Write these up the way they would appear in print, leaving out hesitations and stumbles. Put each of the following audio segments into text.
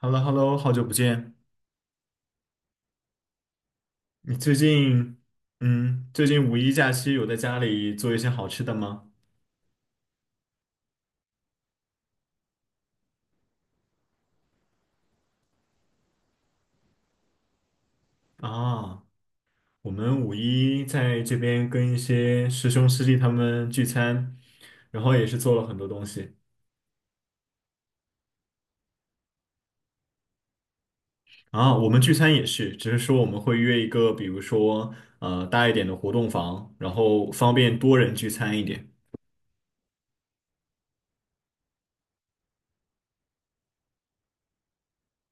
h e l l o h e l l o 好久不见。你最近，嗯，最近五一假期有在家里做一些好吃的吗？啊，我们五一在这边跟一些师兄师弟他们聚餐，然后也是做了很多东西。啊，我们聚餐也是，只是说我们会约一个，比如说大一点的活动房，然后方便多人聚餐一点。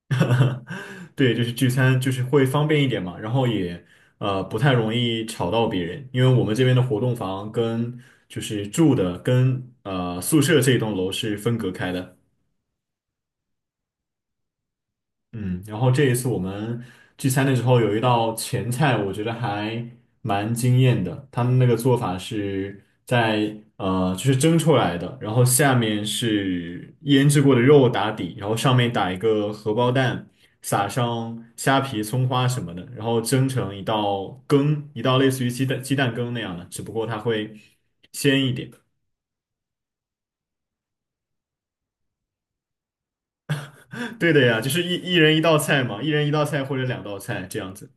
对，就是聚餐，就是会方便一点嘛，然后也不太容易吵到别人，因为我们这边的活动房跟就是住的跟宿舍这一栋楼是分隔开的。嗯，然后这一次我们聚餐的时候有一道前菜，我觉得还蛮惊艳的。他们那个做法是在就是蒸出来的，然后下面是腌制过的肉打底，然后上面打一个荷包蛋，撒上虾皮、葱花什么的，然后蒸成一道羹，一道类似于鸡蛋羹那样的，只不过它会鲜一点。对的呀，就是一人一道菜嘛，一人一道菜或者两道菜这样子。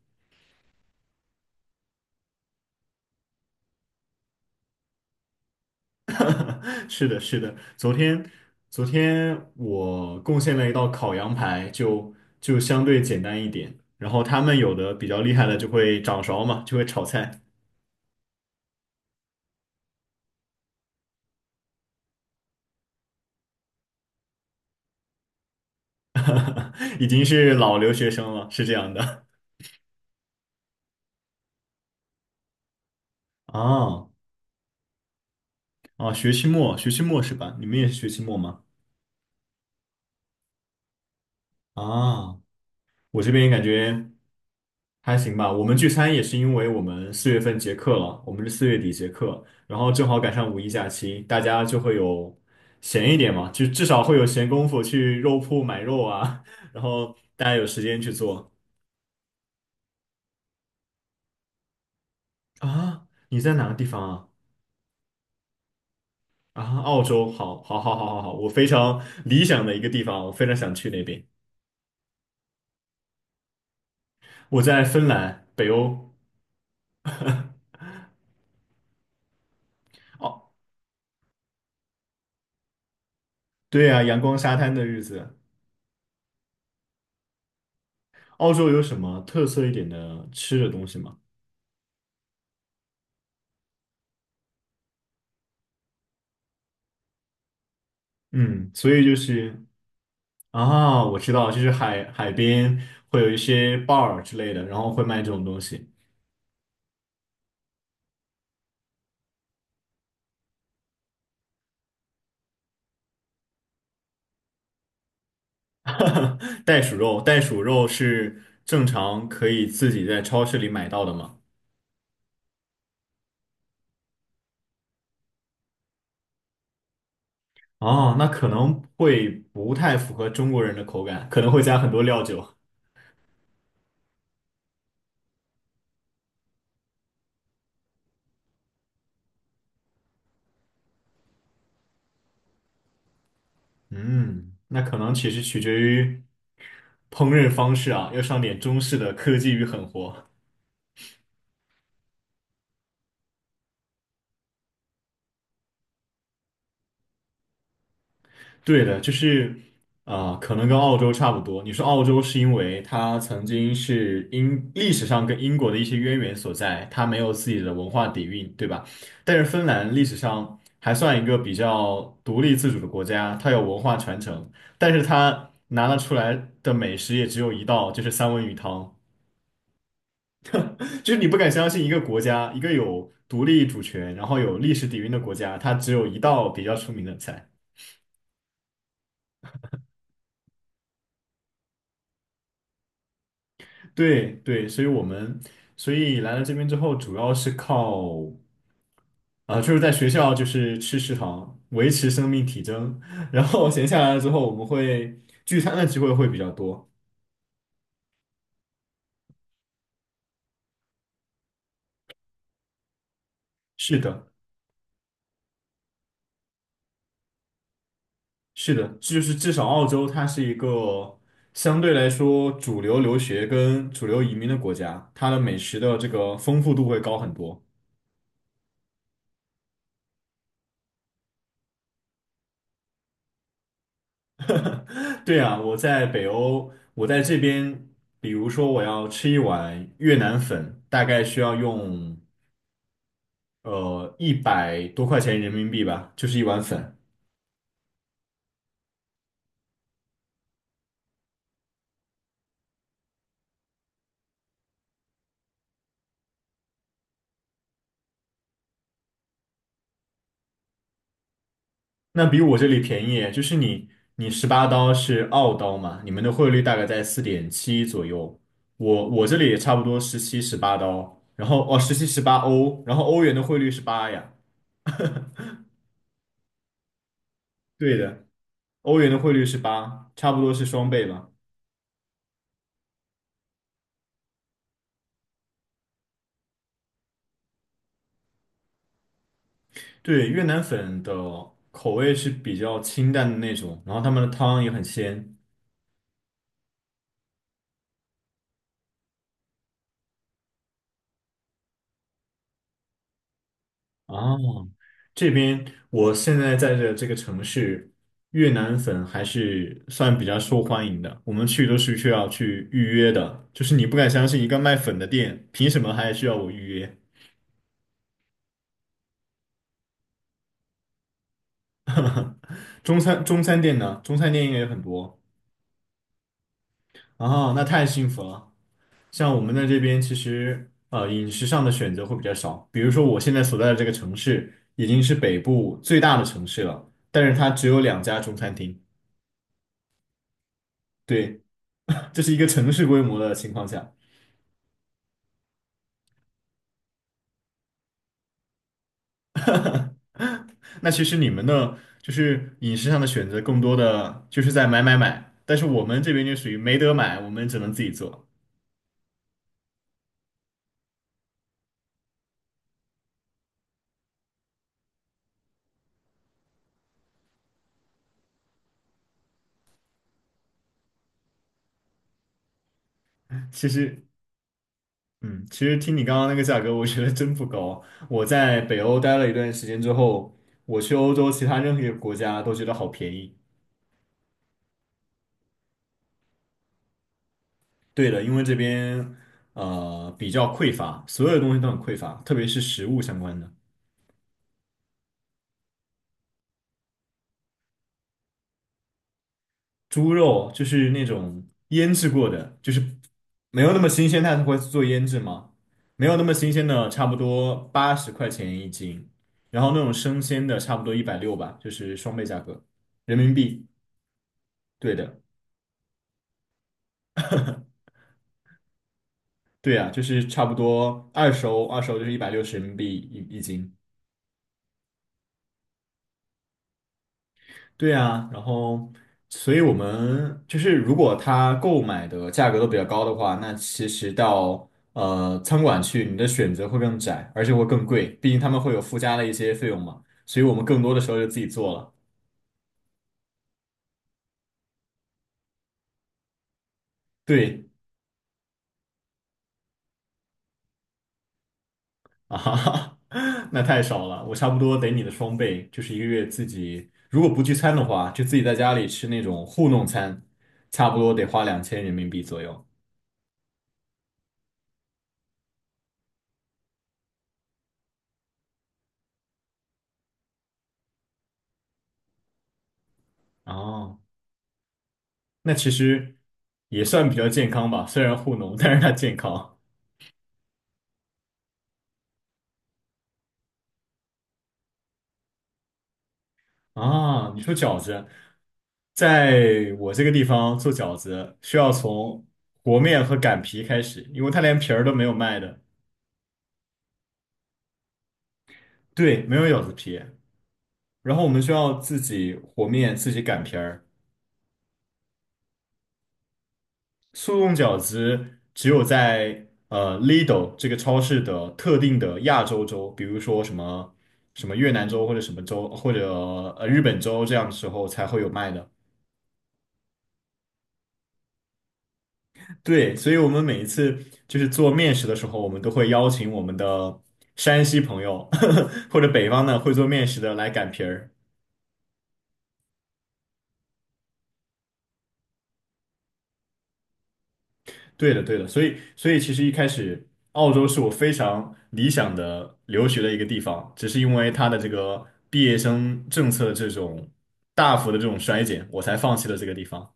是的，是的，昨天我贡献了一道烤羊排，就相对简单一点。然后他们有的比较厉害的就会掌勺嘛，就会炒菜，已经是老留学生了，是这样的。啊啊，学期末是吧？你们也是学期末吗？啊，我这边感觉。还行吧，我们聚餐也是因为我们四月份结课了，我们是四月底结课，然后正好赶上五一假期，大家就会有闲一点嘛，就至少会有闲工夫去肉铺买肉啊，然后大家有时间去做啊。你在哪个地方啊？啊，澳洲，好，好，好，好，好，好，我非常理想的一个地方，我非常想去那边。我在芬兰，北欧。哦，对啊，阳光沙滩的日子。澳洲有什么特色一点的吃的东西吗？嗯，所以就是。啊，我知道，就是海边会有一些 bar 之类的，然后会卖这种东西。袋鼠肉，袋鼠肉是正常可以自己在超市里买到的吗？哦，那可能会不太符合中国人的口感，可能会加很多料酒。嗯，那可能其实取决于烹饪方式啊，要上点中式的科技与狠活。对的，就是可能跟澳洲差不多。你说澳洲是因为它曾经是英历史上跟英国的一些渊源所在，它没有自己的文化底蕴，对吧？但是芬兰历史上还算一个比较独立自主的国家，它有文化传承，但是它拿得出来的美食也只有一道，就是三文鱼汤。就是你不敢相信一个国家，一个有独立主权，然后有历史底蕴的国家，它只有一道比较出名的菜。对对，所以来了这边之后，主要是靠就是在学校就是吃食堂维持生命体征，然后闲下来了之后，我们会聚餐的机会会比较多。是的，是的，就是至少澳洲它是一个相对来说主流留学跟主流移民的国家，它的美食的这个丰富度会高很多。对啊，我在北欧，我在这边，比如说我要吃一碗越南粉，大概需要用100多块钱人民币吧，就是一碗粉。那比我这里便宜，就是你十八刀是澳刀嘛，你们的汇率大概在4.7左右，我这里也差不多17、18刀，然后哦17、18欧，然后欧元的汇率是八呀，对的，欧元的汇率是八，差不多是双倍吧。对，越南粉的口味是比较清淡的那种，然后他们的汤也很鲜。哦，这边我现在在的这个城市，越南粉还是算比较受欢迎的。我们去都是需要去预约的，就是你不敢相信一个卖粉的店，凭什么还需要我预约？中餐店呢？中餐店应该有很多。哦，那太幸福了。像我们在这边，其实饮食上的选择会比较少。比如说我现在所在的这个城市已经是北部最大的城市了，但是它只有两家中餐厅。对，这是一个城市规模的情况下。那其实你们呢，就是饮食上的选择更多的就是在买买买，但是我们这边就属于没得买，我们只能自己做。其实。嗯，其实听你刚刚那个价格，我觉得真不高。我在北欧待了一段时间之后，我去欧洲其他任何一个国家都觉得好便宜。对的，因为这边比较匮乏，所有东西都很匮乏，特别是食物相关的。猪肉就是那种腌制过的，就是没有那么新鲜，它会做腌制嘛，没有那么新鲜的，差不多80块钱一斤，然后那种生鲜的差不多一百六吧，就是双倍价格，人民币。对的，对啊，就是差不多二手，二手就是160元人民币一斤。对啊，然后，所以我们就是如果他购买的价格都比较高的话，那其实到餐馆去，你的选择会更窄，而且会更贵，毕竟他们会有附加的一些费用嘛，所以我们更多的时候就自己做了。对啊哈哈，那太少了，我差不多得你的双倍，就是一个月自己如果不聚餐的话，就自己在家里吃那种糊弄餐，差不多得花2000元人民币左右。哦。那其实也算比较健康吧，虽然糊弄，但是它健康啊。你说饺子，在我这个地方做饺子需要从和面和擀皮开始，因为它连皮儿都没有卖的，对，没有饺子皮。然后我们需要自己和面，自己擀皮儿。速冻饺子只有在Lidl 这个超市的特定的亚洲州，比如说什么什么越南州或者什么州或者日本州这样的时候才会有卖的。对，所以我们每一次就是做面食的时候，我们都会邀请我们的山西朋友 或者北方的会做面食的来擀皮儿。对的，对的，所以其实一开始澳洲是我非常理想的留学的一个地方，只是因为它的这个毕业生政策的这种大幅的这种衰减，我才放弃了这个地方。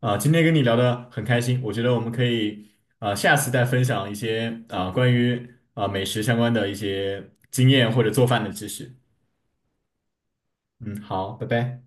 今天跟你聊得很开心，我觉得我们可以下次再分享一些关于美食相关的一些经验或者做饭的知识。嗯，好，拜拜。